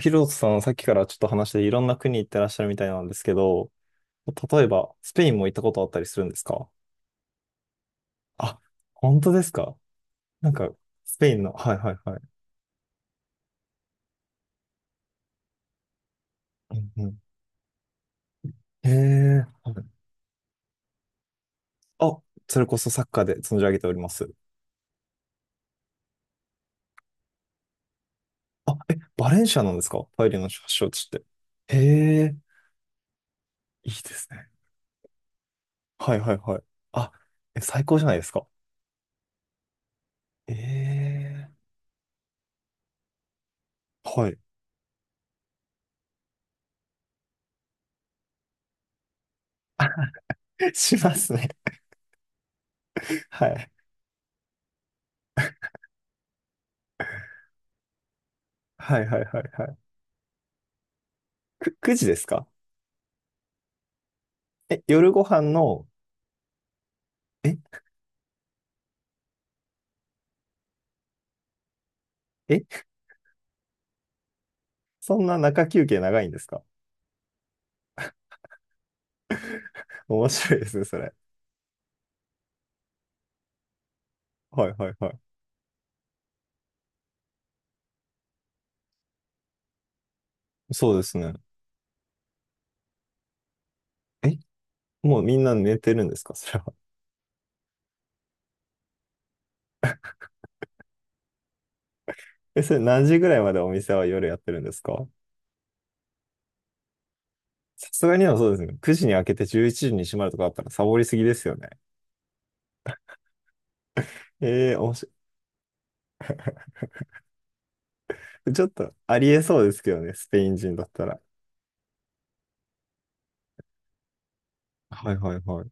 ヒロトさん、さっきからちょっと話していろんな国行ってらっしゃるみたいなんですけど、例えば、スペインも行ったことあったりするんですか？あ、本当ですか？なんか、スペインの、はいはいはい。うんうん、へえ、はい。あ、それこそサッカーで存じ上げております。あ、え、バレンシアなんですか？パエリアの発祥地って。へえ、いいですね。はいはいはい。あ、え、最高じゃないですか。ええ、はい。しますね。はい。はいはいはいはい。く、9時ですか？え、夜ご飯の、え、え、そんな中休憩長いんですか？ 面白いですね、それ。はいはいはい。そうですね。え、もうみんな寝てるんですか？ それは。え、それ何時ぐらいまでお店は夜やってるんですか？さすがにはそうですね。9時に開けて11時に閉まるとかだったらサボりすぎですよね。ええー、面白い。ちょっとありえそうですけどね、スペイン人だったら。はいはいはい。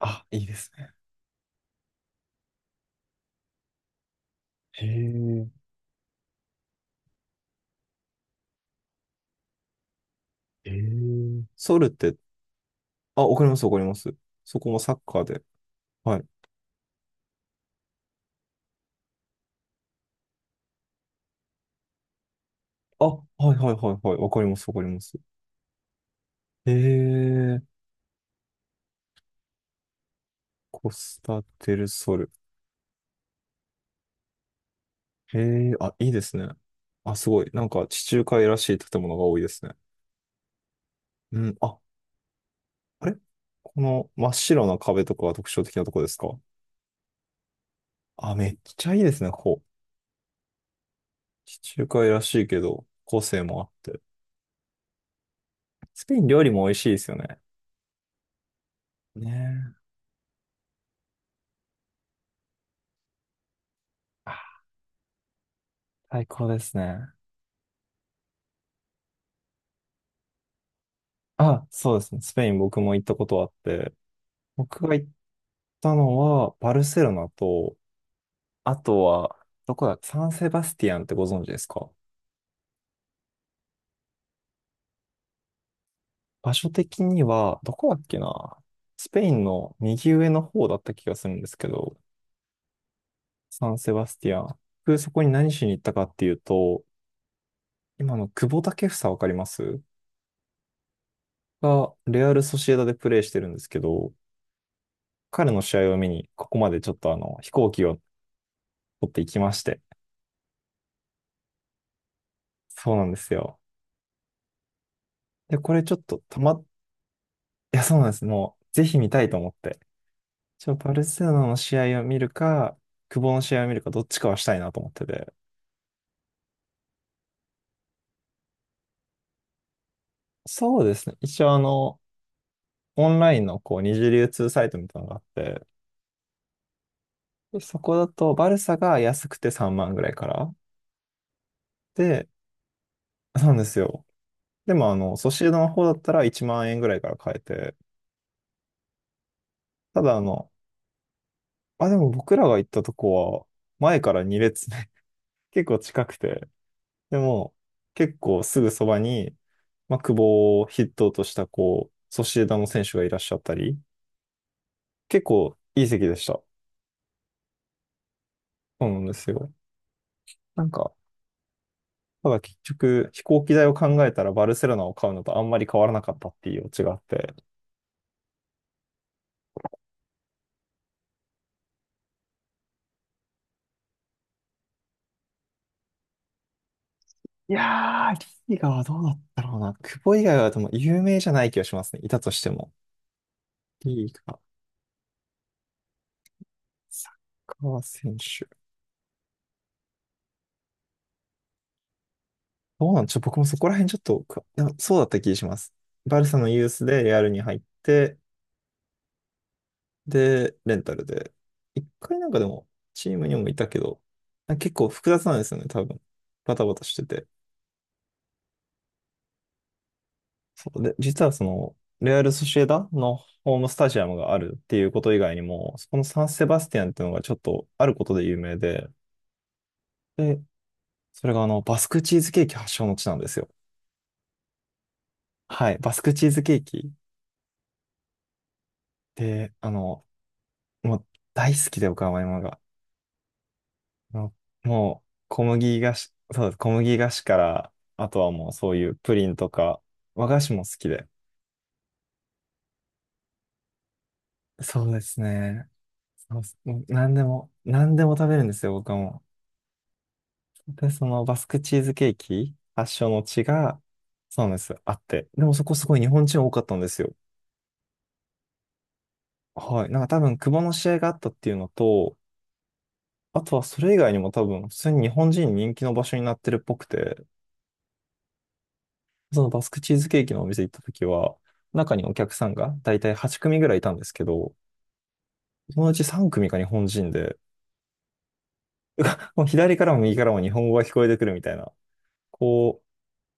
あ、いいですね。へえ、へえ。ソウルって、あ、わかりますわかります。そこもサッカーで。はい。あ、はいはいはいはい。わかりますわかります。へ、コスタデルソル。へ、あ、いいですね。あ、すごい。なんか地中海らしい建物が多いですね。うん、あ、あれ、この真っ白な壁とかが特徴的なとこですか？あ、めっちゃいいですね、ここ。地中海らしいけど、個性もあって。スペイン料理も美味しいですよね。ねえ。あ、最高ですね。あ、そうですね。スペイン僕も行ったことあって、僕が行ったのは、バルセロナと、あとは、どこだ、サンセバスティアンってご存知ですか？場所的には、どこだっけな。スペインの右上の方だった気がするんですけど、サンセバスティアン。僕、そこに何しに行ったかっていうと、今の久保建英わかります？が、レアル・ソシエダでプレーしてるんですけど、彼の試合を見に、ここまでちょっと飛行機を取っていきまして。そうなんですよ。で、これちょっとたま、いや、そうなんです。もう、ぜひ見たいと思って。一応バルセロナの試合を見るか、久保の試合を見るか、どっちかはしたいなと思ってて。そうですね。一応、オンラインのこう、二次流通サイトみたいなのがあって、でそこだとバルサが安くて3万ぐらいから。で、なんですよ。でも、ソシエダの方だったら1万円ぐらいから買えて。ただあの、あ、でも僕らが行ったとこは、前から2列ね。 結構近くて。でも、結構すぐそばに、まあ、久保を筆頭としたこう、ソシエダの選手がいらっしゃったり、結構いい席でした。そうなんですよ。なんか、ただ結局、飛行機代を考えたらバルセロナを買うのとあんまり変わらなかったっていうオチがあって。いやー、リーガはどうだったろうな。久保以外はでも有名じゃない気がしますね。いたとしても。リーガ、サッカー選手。どうなんちょ、僕もそこら辺ちょっとでそうだった気がします。バルサのユースでレアルに入って、で、レンタルで。一回なんかでも、チームにもいたけど、なんか結構複雑なんですよね、多分。バタバタしてて。で、実はその、レアル・ソシエダのホームスタジアムがあるっていうこと以外にも、そこのサン・セバスティアンっていうのがちょっとあることで有名で、で、それがバスクチーズケーキ発祥の地なんですよ。はい、バスクチーズケーキ。で、あの、もう大好きで、岡山山が。あのもう、小麦菓子から、あとはもうそういうプリンとか、和菓子も好きで。そうですね。そうですもう何でも、何でも食べるんですよ、僕はもう。で、そのバスクチーズケーキ発祥の地が、そうなんです、あって。でもそこすごい日本人多かったんですよ。はい。なんか多分、久保の試合があったっていうのと、あとはそれ以外にも多分、普通に日本人に人気の場所になってるっぽくて、そのバスクチーズケーキのお店行った時は、中にお客さんが大体8組ぐらいいたんですけど、そのうち3組が日本人で、もう左からも右からも日本語が聞こえてくるみたいな、こ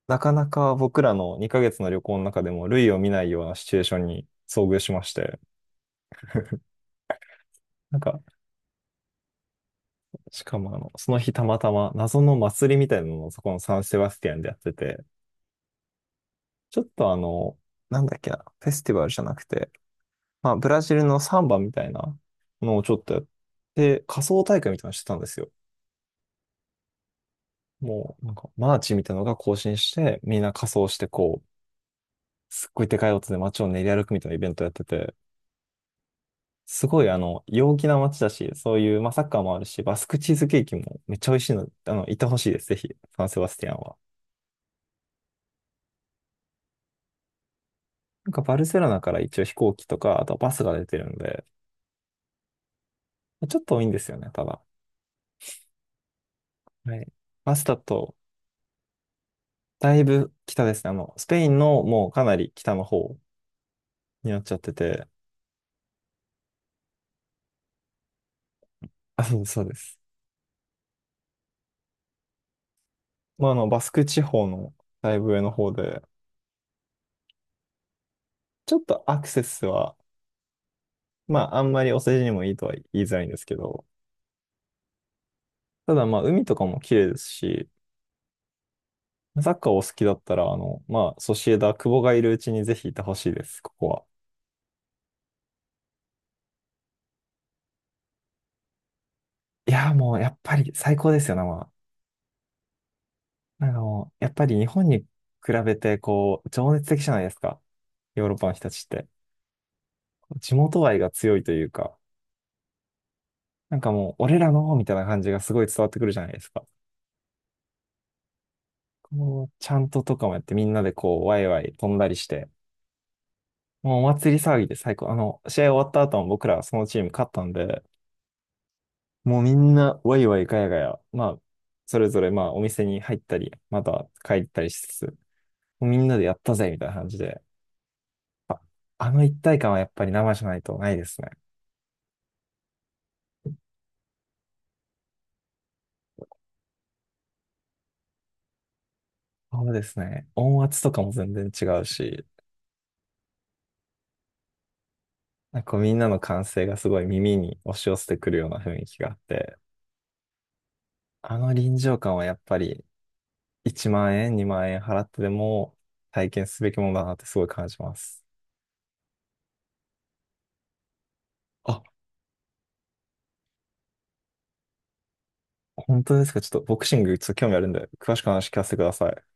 なかなか僕らの2ヶ月の旅行の中でも類を見ないようなシチュエーションに遭遇しまして、なんか、しかもその日たまたま謎の祭りみたいなのをそこのサンセバスティアンでやってて、ちょっとあの、なんだっけな、フェスティバルじゃなくて、まあ、ブラジルのサンバみたいなのをちょっとやって、仮装大会みたいなのしてたんですよ。もう、なんか、マーチみたいなのが行進して、みんな仮装してこう、すっごいでかい音で街を練り歩くみたいなイベントやってて、すごい陽気な街だし、そういう、まあ、サッカーもあるし、バスクチーズケーキもめっちゃ美味しいので、行ってほしいです、ぜひ、サンセバスティアンは。なんかバルセロナから一応飛行機とか、あとバスが出てるんで、ちょっと多いんですよね、ただ。はい。バスだと、だいぶ北ですね。スペインのもうかなり北の方になっちゃってて、あ、そうそうです。まあ、バスク地方のだいぶ上の方で、ちょっとアクセスは、まあ、あんまりお世辞にもいいとは言いづらいんですけど、ただまあ、海とかも綺麗ですし、サッカーお好きだったら、まあ、ソシエダ、久保がいるうちにぜひいてほしいです、ここは。いやー、もう、やっぱり最高ですよね、まあなんかもう、やっぱり日本に比べて、こう、情熱的じゃないですか。ヨーロッパの人たちって。地元愛が強いというか、なんかもう、俺らの、みたいな感じがすごい伝わってくるじゃないですか。こう、ちゃんととかもやって、みんなでこう、ワイワイ飛んだりして、もうお祭り騒ぎで最高。試合終わった後も僕らそのチーム勝ったんで、もうみんな、ワイワイガヤガヤ、まあ、それぞれ、まあ、お店に入ったり、また帰ったりしつつ、もうみんなでやったぜ、みたいな感じで。あの一体感はやっぱり生じゃないとないですね。そうですね。音圧とかも全然違うし、なんかこうみんなの歓声がすごい耳に押し寄せてくるような雰囲気があって、あの臨場感はやっぱり1万円、2万円払ってでも体験すべきものだなってすごい感じます。あ、本当ですか？ちょっとボクシングちょっと興味あるんで、詳しく話聞かせてください。